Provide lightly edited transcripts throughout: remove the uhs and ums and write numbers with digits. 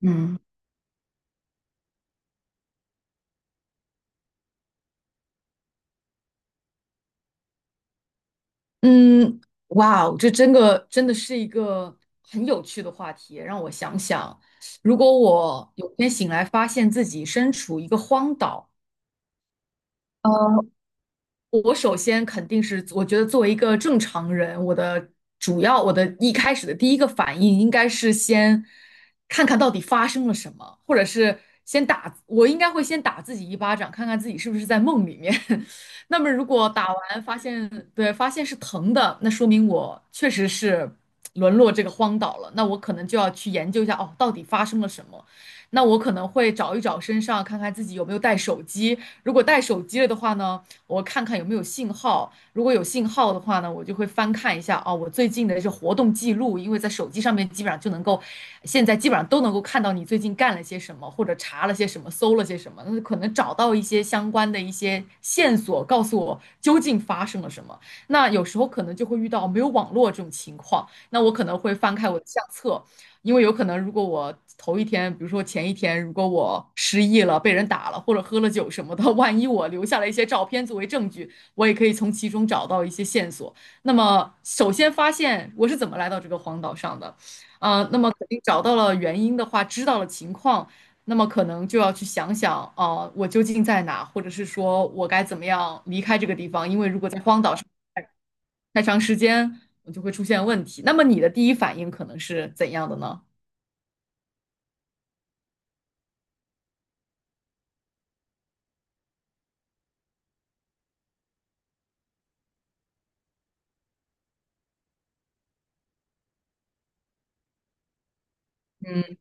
嗯嗯，哇哦，这真的是一个很有趣的话题。让我想想，如果我有天醒来发现自己身处一个荒岛，我首先肯定是，我觉得作为一个正常人，我一开始的第一个反应应该是先看看到底发生了什么，或者是先打，我应该会先打自己一巴掌，看看自己是不是在梦里面。那么如果打完发现，对，发现是疼的，那说明我确实是沦落这个荒岛了。那我可能就要去研究一下，哦，到底发生了什么。那我可能会找一找身上，看看自己有没有带手机。如果带手机了的话呢？我看看有没有信号。如果有信号的话呢，我就会翻看一下哦，我最近的这活动记录，因为在手机上面基本上就能够，现在基本上都能够看到你最近干了些什么，或者查了些什么，搜了些什么，那可能找到一些相关的一些线索，告诉我究竟发生了什么。那有时候可能就会遇到没有网络这种情况，那我可能会翻开我的相册。因为有可能，如果我头一天，比如说前一天，如果我失忆了、被人打了，或者喝了酒什么的，万一我留下了一些照片作为证据，我也可以从其中找到一些线索。那么，首先发现我是怎么来到这个荒岛上的，那么肯定找到了原因的话，知道了情况，那么可能就要去想想，我究竟在哪，或者是说我该怎么样离开这个地方？因为如果在荒岛上太长时间，我就会出现问题。那么你的第一反应可能是怎样的呢？嗯。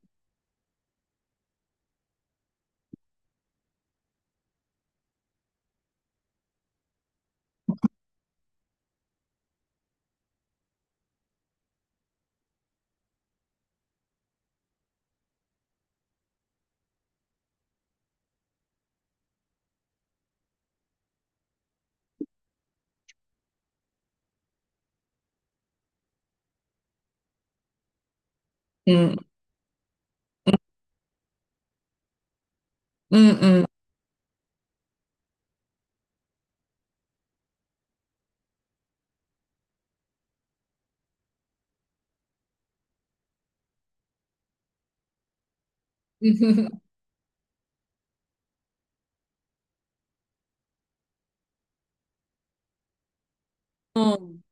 嗯嗯嗯嗯嗯嗯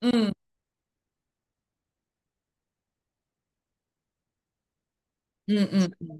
嗯嗯嗯。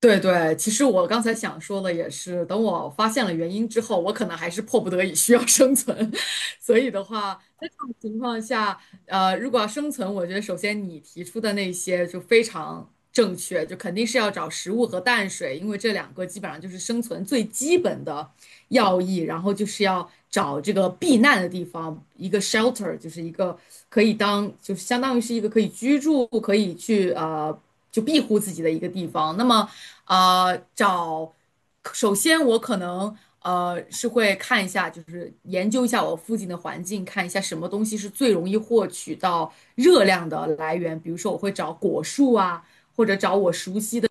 对对，其实我刚才想说的也是，等我发现了原因之后，我可能还是迫不得已需要生存，所以的话，在这种情况下，如果要生存，我觉得首先你提出的那些就非常正确，就肯定是要找食物和淡水，因为这两个基本上就是生存最基本的要义，然后就是要找这个避难的地方，一个 shelter,就是一个可以当，就是相当于是一个可以居住，可以去。就庇护自己的一个地方。那么，啊，找，首先我可能是会看一下，就是研究一下我附近的环境，看一下什么东西是最容易获取到热量的来源。比如说，我会找果树啊，或者找我熟悉的。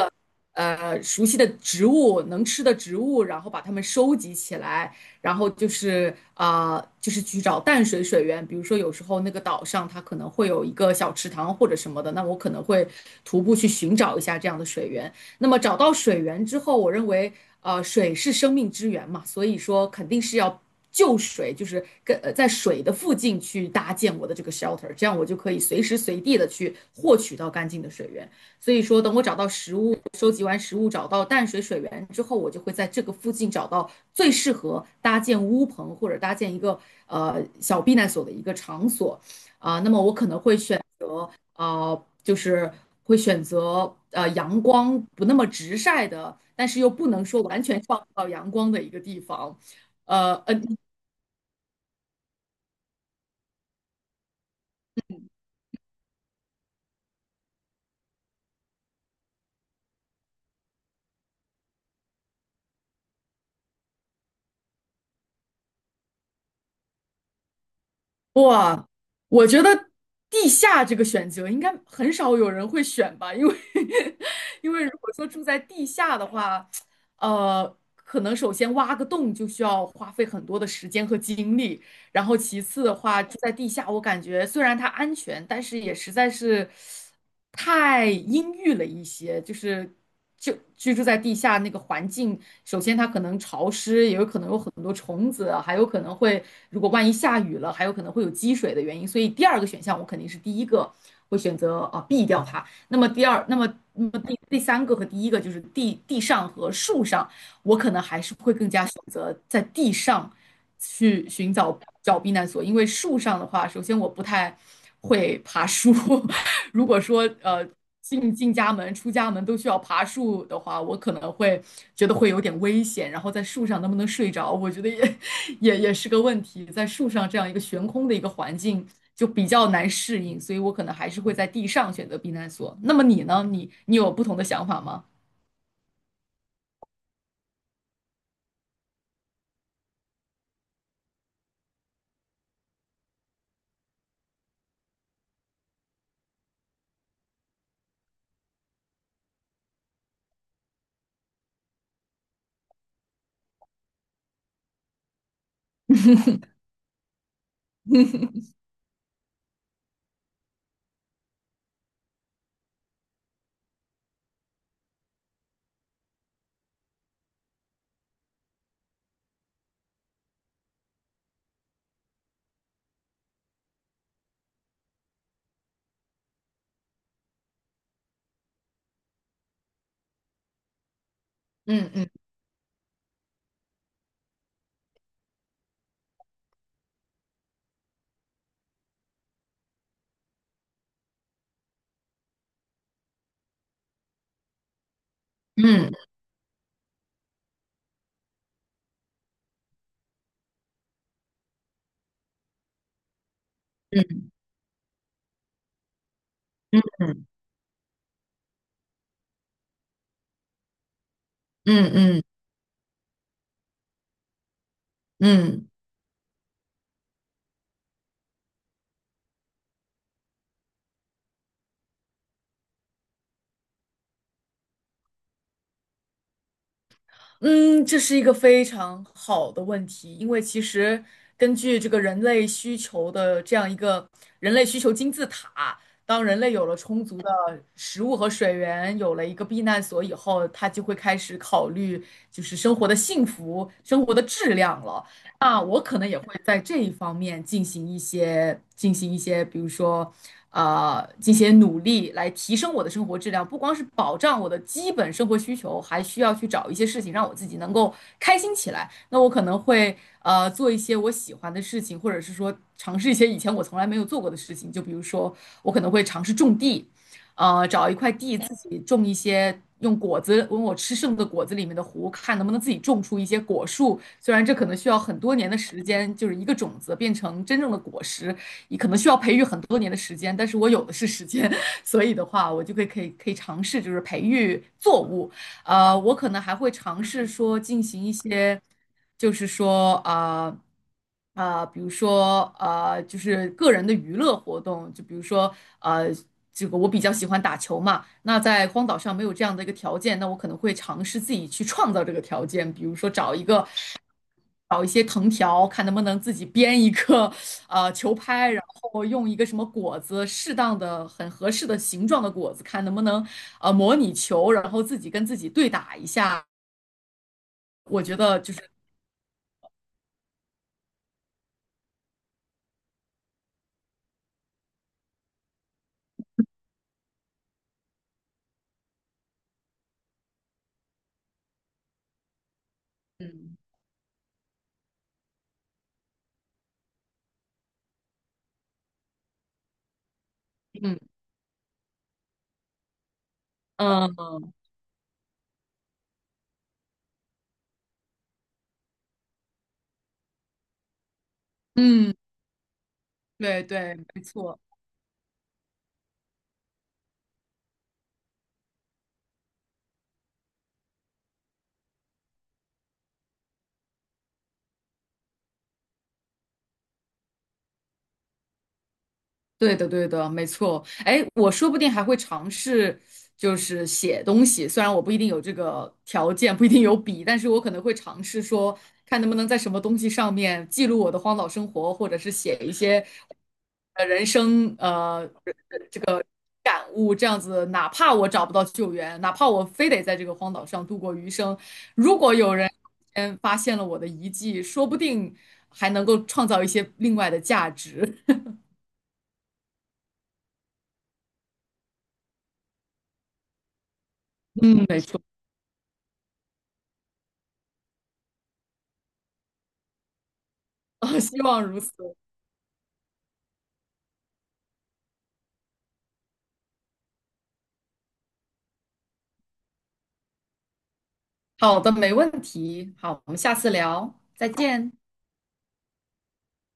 熟悉的植物、能吃的植物，然后把它们收集起来，然后就是就是去找淡水水源。比如说，有时候那个岛上它可能会有一个小池塘或者什么的，那我可能会徒步去寻找一下这样的水源。那么找到水源之后，我认为水是生命之源嘛，所以说肯定是要。就水就是跟在水的附近去搭建我的这个 shelter,这样我就可以随时随地的去获取到干净的水源。所以说，等我找到食物，收集完食物，找到淡水水源之后，我就会在这个附近找到最适合搭建屋棚或者搭建一个小避难所的一个场所。那么我可能会选就是会选择阳光不那么直晒的，但是又不能说完全照不到阳光的一个地方。呃嗯。呃哇，我觉得地下这个选择应该很少有人会选吧，因为 因为如果说住在地下的话，可能首先挖个洞就需要花费很多的时间和精力，然后其次的话，住在地下，我感觉虽然它安全，但是也实在是太阴郁了一些。就居住在地下那个环境，首先它可能潮湿，也有可能有很多虫子啊，还有可能会如果万一下雨了，还有可能会有积水的原因。所以第二个选项我肯定是第一个会选择啊避掉它。那么第三个和第一个就是地上和树上。我可能还是会更加选择在地上去寻找避难所，因为树上的话，首先我不太会爬树，如果说进家门、出家门都需要爬树的话，我可能会觉得会有点危险，然后在树上能不能睡着，我觉得也 也是个问题，在树上这样一个悬空的一个环境。就比较难适应，所以我可能还是会在地上选择避难所。那么你呢？你有不同的想法吗？嗯嗯嗯嗯。嗯嗯嗯嗯，这是一个非常好的问题，因为其实根据这个人类需求的这样一个人类需求金字塔，当人类有了充足的食物和水源，有了一个避难所以后，他就会开始考虑就是生活的幸福、生活的质量了。那我可能也会在这一方面进行一些，比如说，进行努力来提升我的生活质量，不光是保障我的基本生活需求，还需要去找一些事情让我自己能够开心起来。那我可能会做一些我喜欢的事情，或者是说尝试一些以前我从来没有做过的事情，就比如说我可能会尝试种地。呃，找一块地自己种一些，用果子，用我吃剩的果子里面的核，看能不能自己种出一些果树。虽然这可能需要很多年的时间，就是一个种子变成真正的果实，也可能需要培育很多年的时间，但是我有的是时间，所以的话，我就会可以尝试，就是培育作物。我可能还会尝试说进行一些，就是说比如说就是个人的娱乐活动，就比如说呃，这个我比较喜欢打球嘛，那在荒岛上没有这样的一个条件，那我可能会尝试自己去创造这个条件，比如说找一个。找一些藤条，看能不能自己编一个球拍，然后用一个什么果子，适当的、很合适的形状的果子，看能不能模拟球，然后自己跟自己对打一下，我觉得就是嗯嗯嗯嗯，对对，没错，对的对的，没错。哎，我说不定还会尝试就是写东西，虽然我不一定有这个条件，不一定有笔，但是我可能会尝试说，看能不能在什么东西上面记录我的荒岛生活，或者是写一些。人生感悟，这样子，哪怕我找不到救援，哪怕我非得在这个荒岛上度过余生，如果有人先发现了我的遗迹，说不定还能够创造一些另外的价值。嗯，没错，希望如此。好的，没问题。好，我们下次聊，再见。